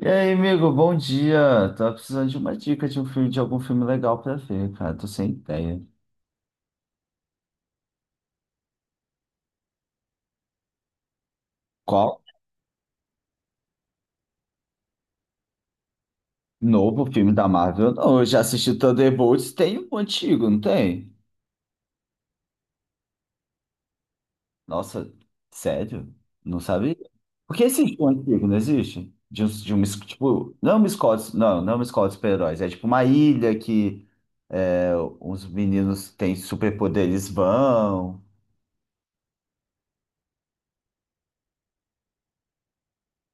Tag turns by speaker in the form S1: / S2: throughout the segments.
S1: E aí, amigo, bom dia. Tava precisando de uma dica de um filme, de algum filme legal pra ver, cara. Tô sem ideia. Qual novo filme da Marvel? Não, eu já assisti Thunderbolts, tem um antigo, não tem? Nossa, sério? Não sabia? Por que existe um antigo, não existe? De, um, de uma, es- tipo, não é uma escola, não, não é uma escola de super-heróis, é tipo uma ilha que é, uns meninos que têm superpoderes vão,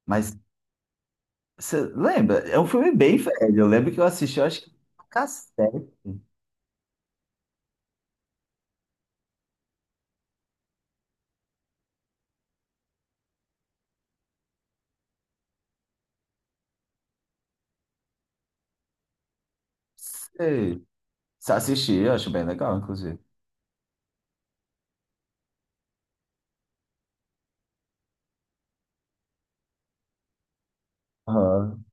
S1: mas você lembra? É um filme bem velho. Eu lembro que eu assisti, eu acho que no cassete. Sei. Se assisti, eu acho bem legal, inclusive. Aham.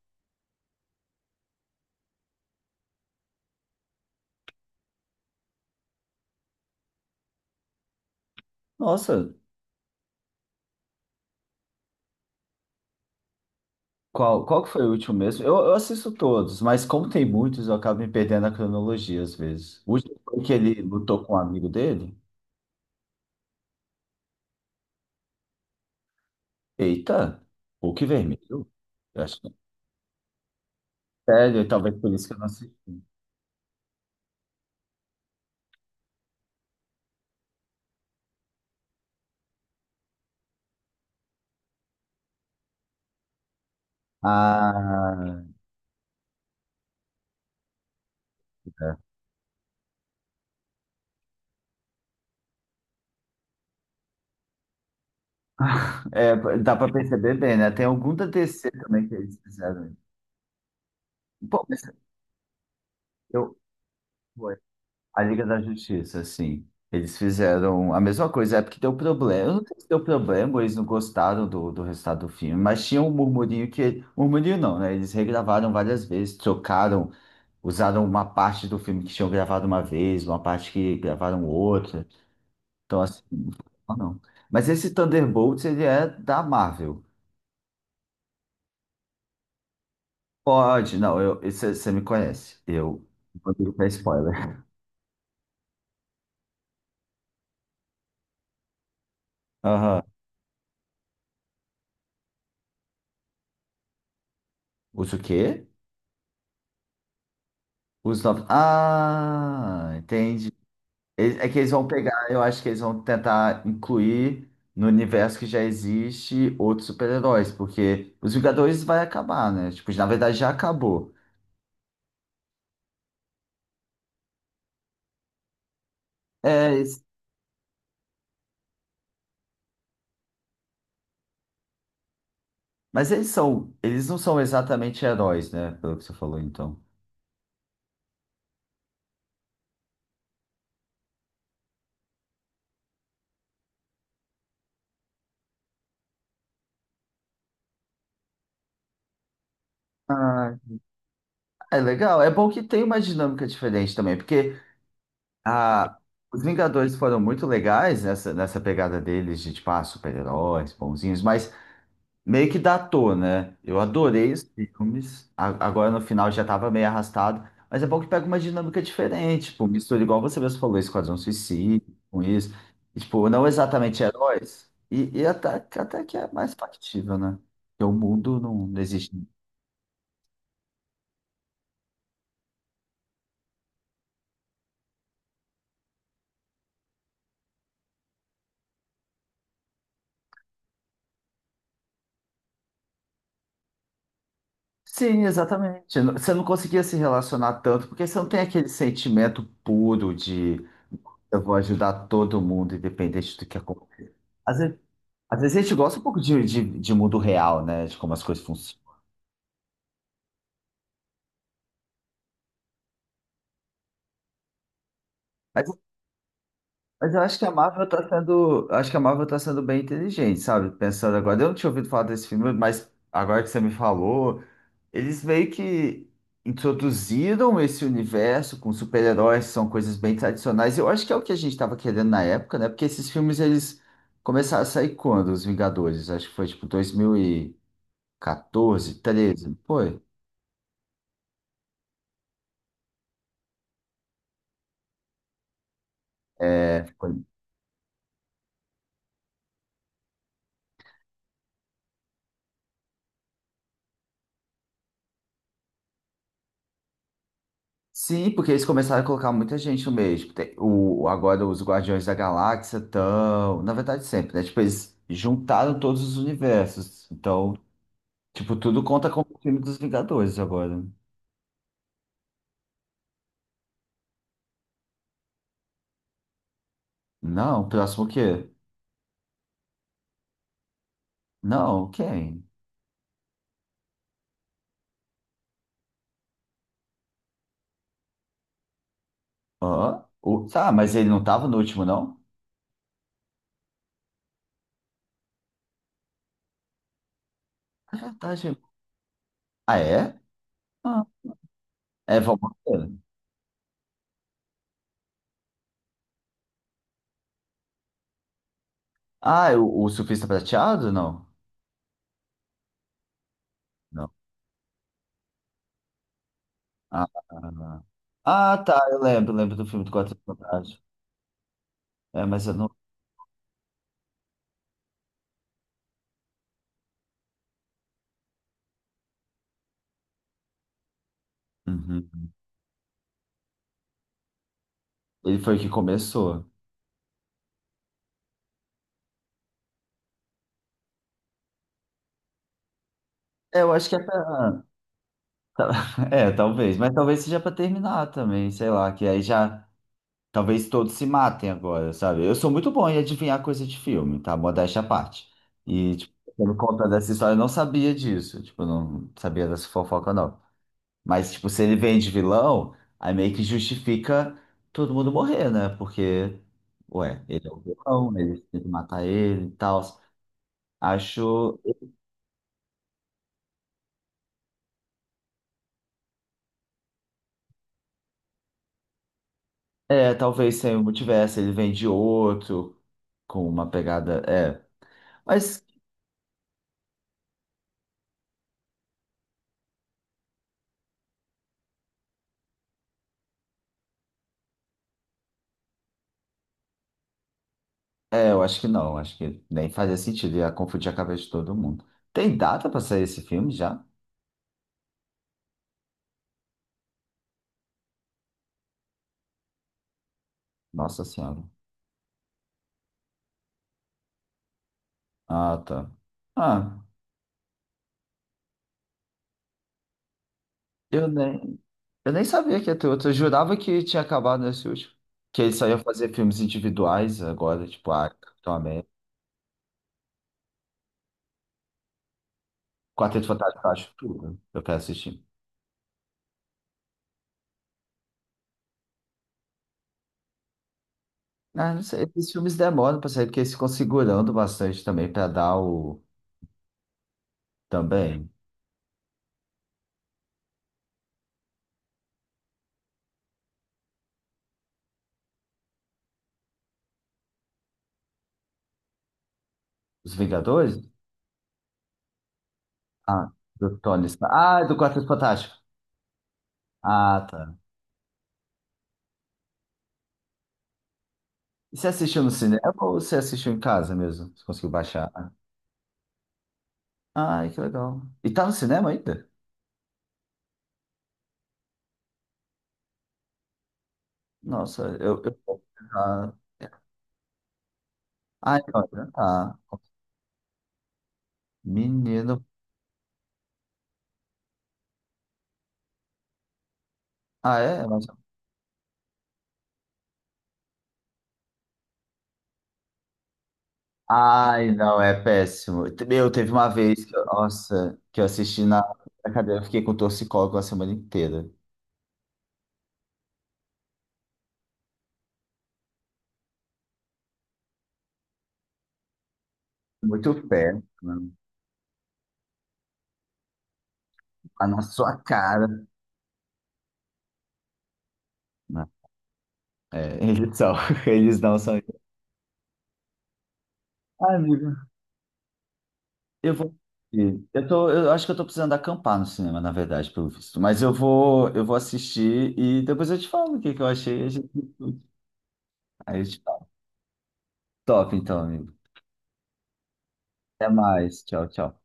S1: Nossa, qual que foi o último mesmo? Eu assisto todos, mas como tem muitos, eu acabo me perdendo na cronologia às vezes. O último foi que ele lutou com um amigo dele? Eita, Hulk Vermelho? Eu acho que é sério, talvez por isso que eu não assisti. Ah, é, dá pra perceber bem, né? Tem algum da DC também que eles fizeram. Pô, mas eu, a Liga da Justiça, sim. Eles fizeram a mesma coisa, é porque deu problema. Eu não sei se deu problema, eles não gostaram do resultado do filme, mas tinha um murmurinho que. Murmurinho não, né? Eles regravaram várias vezes, trocaram, usaram uma parte do filme que tinham gravado uma vez, uma parte que gravaram outra. Então, assim, não. Não. Mas esse Thunderbolts, ele é da Marvel. Pode, não, eu, você me conhece. Eu vou dar spoiler. Aham. Usa o quê? Os novos. Ah, entendi. É que eles vão pegar, eu acho que eles vão tentar incluir no universo que já existe outros super-heróis, porque os Vingadores vai acabar, né? Tipo, na verdade já acabou. É, eles- mas eles são, eles não são exatamente heróis, né? Pelo que você falou, então. Ah, é legal, é bom que tem uma dinâmica diferente também, porque ah, os Vingadores foram muito legais nessa pegada deles de, tipo, ah, super-heróis, bonzinhos, mas meio que datou, né? Eu adorei os filmes. Agora no final já tava meio arrastado. Mas é bom que pega uma dinâmica diferente. Tipo, mistura igual você mesmo falou, Esquadrão Suicida com isso. E, tipo, não exatamente heróis. E até, até que é mais factível, né? Porque o mundo não, não existe. Sim, exatamente. Você não conseguia se relacionar tanto, porque você não tem aquele sentimento puro. Eu vou ajudar todo mundo, independente do que acontecer. Às vezes, às vezes a gente gosta um pouco de mundo real, né? De como as coisas funcionam. Mas, mas eu acho que a Marvel tá sendo, eu acho que a Marvel tá sendo bem inteligente, sabe? Pensando agora, eu não tinha ouvido falar desse filme, mas agora que você me falou, eles meio que introduziram esse universo com super-heróis, são coisas bem tradicionais. Eu acho que é o que a gente estava querendo na época, né? Porque esses filmes eles começaram a sair quando? Os Vingadores, acho que foi tipo 2000 e 14, 13 foi. É, foi. Sim, porque eles começaram a colocar muita gente no meio. O, agora os Guardiões da Galáxia estão. Na verdade, sempre, né? Tipo, eles juntaram todos os universos. Então, tipo, tudo conta como o filme dos Vingadores agora. Não, próximo o quê? Não, quem? Hã? O, tá, mas ele não tava no último, não? É verdade. Ah, é? Ah, é Val Kilmer. Ah, é o Surfista Prateado? Não. Ah, ah, ah. Ah, tá, eu lembro, lembro do filme do Quatro Fantásticos. É, mas eu não. Uhum. Ele foi o que começou. É, eu acho que é pra... É, talvez, mas talvez seja pra terminar também, sei lá, que aí já. Talvez todos se matem agora, sabe? Eu sou muito bom em adivinhar coisa de filme, tá? Modéstia à parte. E, tipo, por conta dessa história, eu não sabia disso. Tipo, eu não sabia dessa fofoca, não. Mas, tipo, se ele vem de vilão, aí meio que justifica todo mundo morrer, né? Porque, ué, ele é o vilão, eles tentam matar ele e tal. Acho. É, talvez se eu não tivesse, ele vem de outro, com uma pegada. É. Mas, eu acho que não. Acho que nem fazia sentido. Ia confundir a cabeça de todo mundo. Tem data pra sair esse filme já? Nossa Senhora. Ah, tá. Ah, eu nem. Eu nem sabia que ia ter outro. Eu jurava que tinha acabado nesse último. Que ele só ia fazer filmes individuais agora, tipo, ah, Capitão América. Quarteto Fantástico, eu acho tudo. Eu quero assistir. Ah, não sei. Esses filmes demoram pra sair, porque eles ficam segurando bastante também pra dar o. Também. Os Vingadores? Ah, do Tony Stark. Ah, do Quarteto Fantástico. Ah, tá. E você assistiu no cinema ou você assistiu em casa mesmo? Você conseguiu baixar? Ai, que legal. E tá no cinema ainda? Nossa, eu... ah, é. Ah, então, já tá. Menino. Ah, é? Mas- Ai, não, é péssimo. Eu teve uma vez que, nossa, que eu assisti na na cadeira, eu fiquei com torcicolo a semana inteira. Muito péssimo. A na sua cara. Não, é, eles são, eles não são. Ah, amigo, eu vou. Eu tô, eu acho que eu tô precisando acampar no cinema, na verdade, pelo visto. Eu vou assistir e depois eu te falo o que que eu achei. A gente... aí eu te falo. Top, então, amigo. Até mais. Tchau, tchau.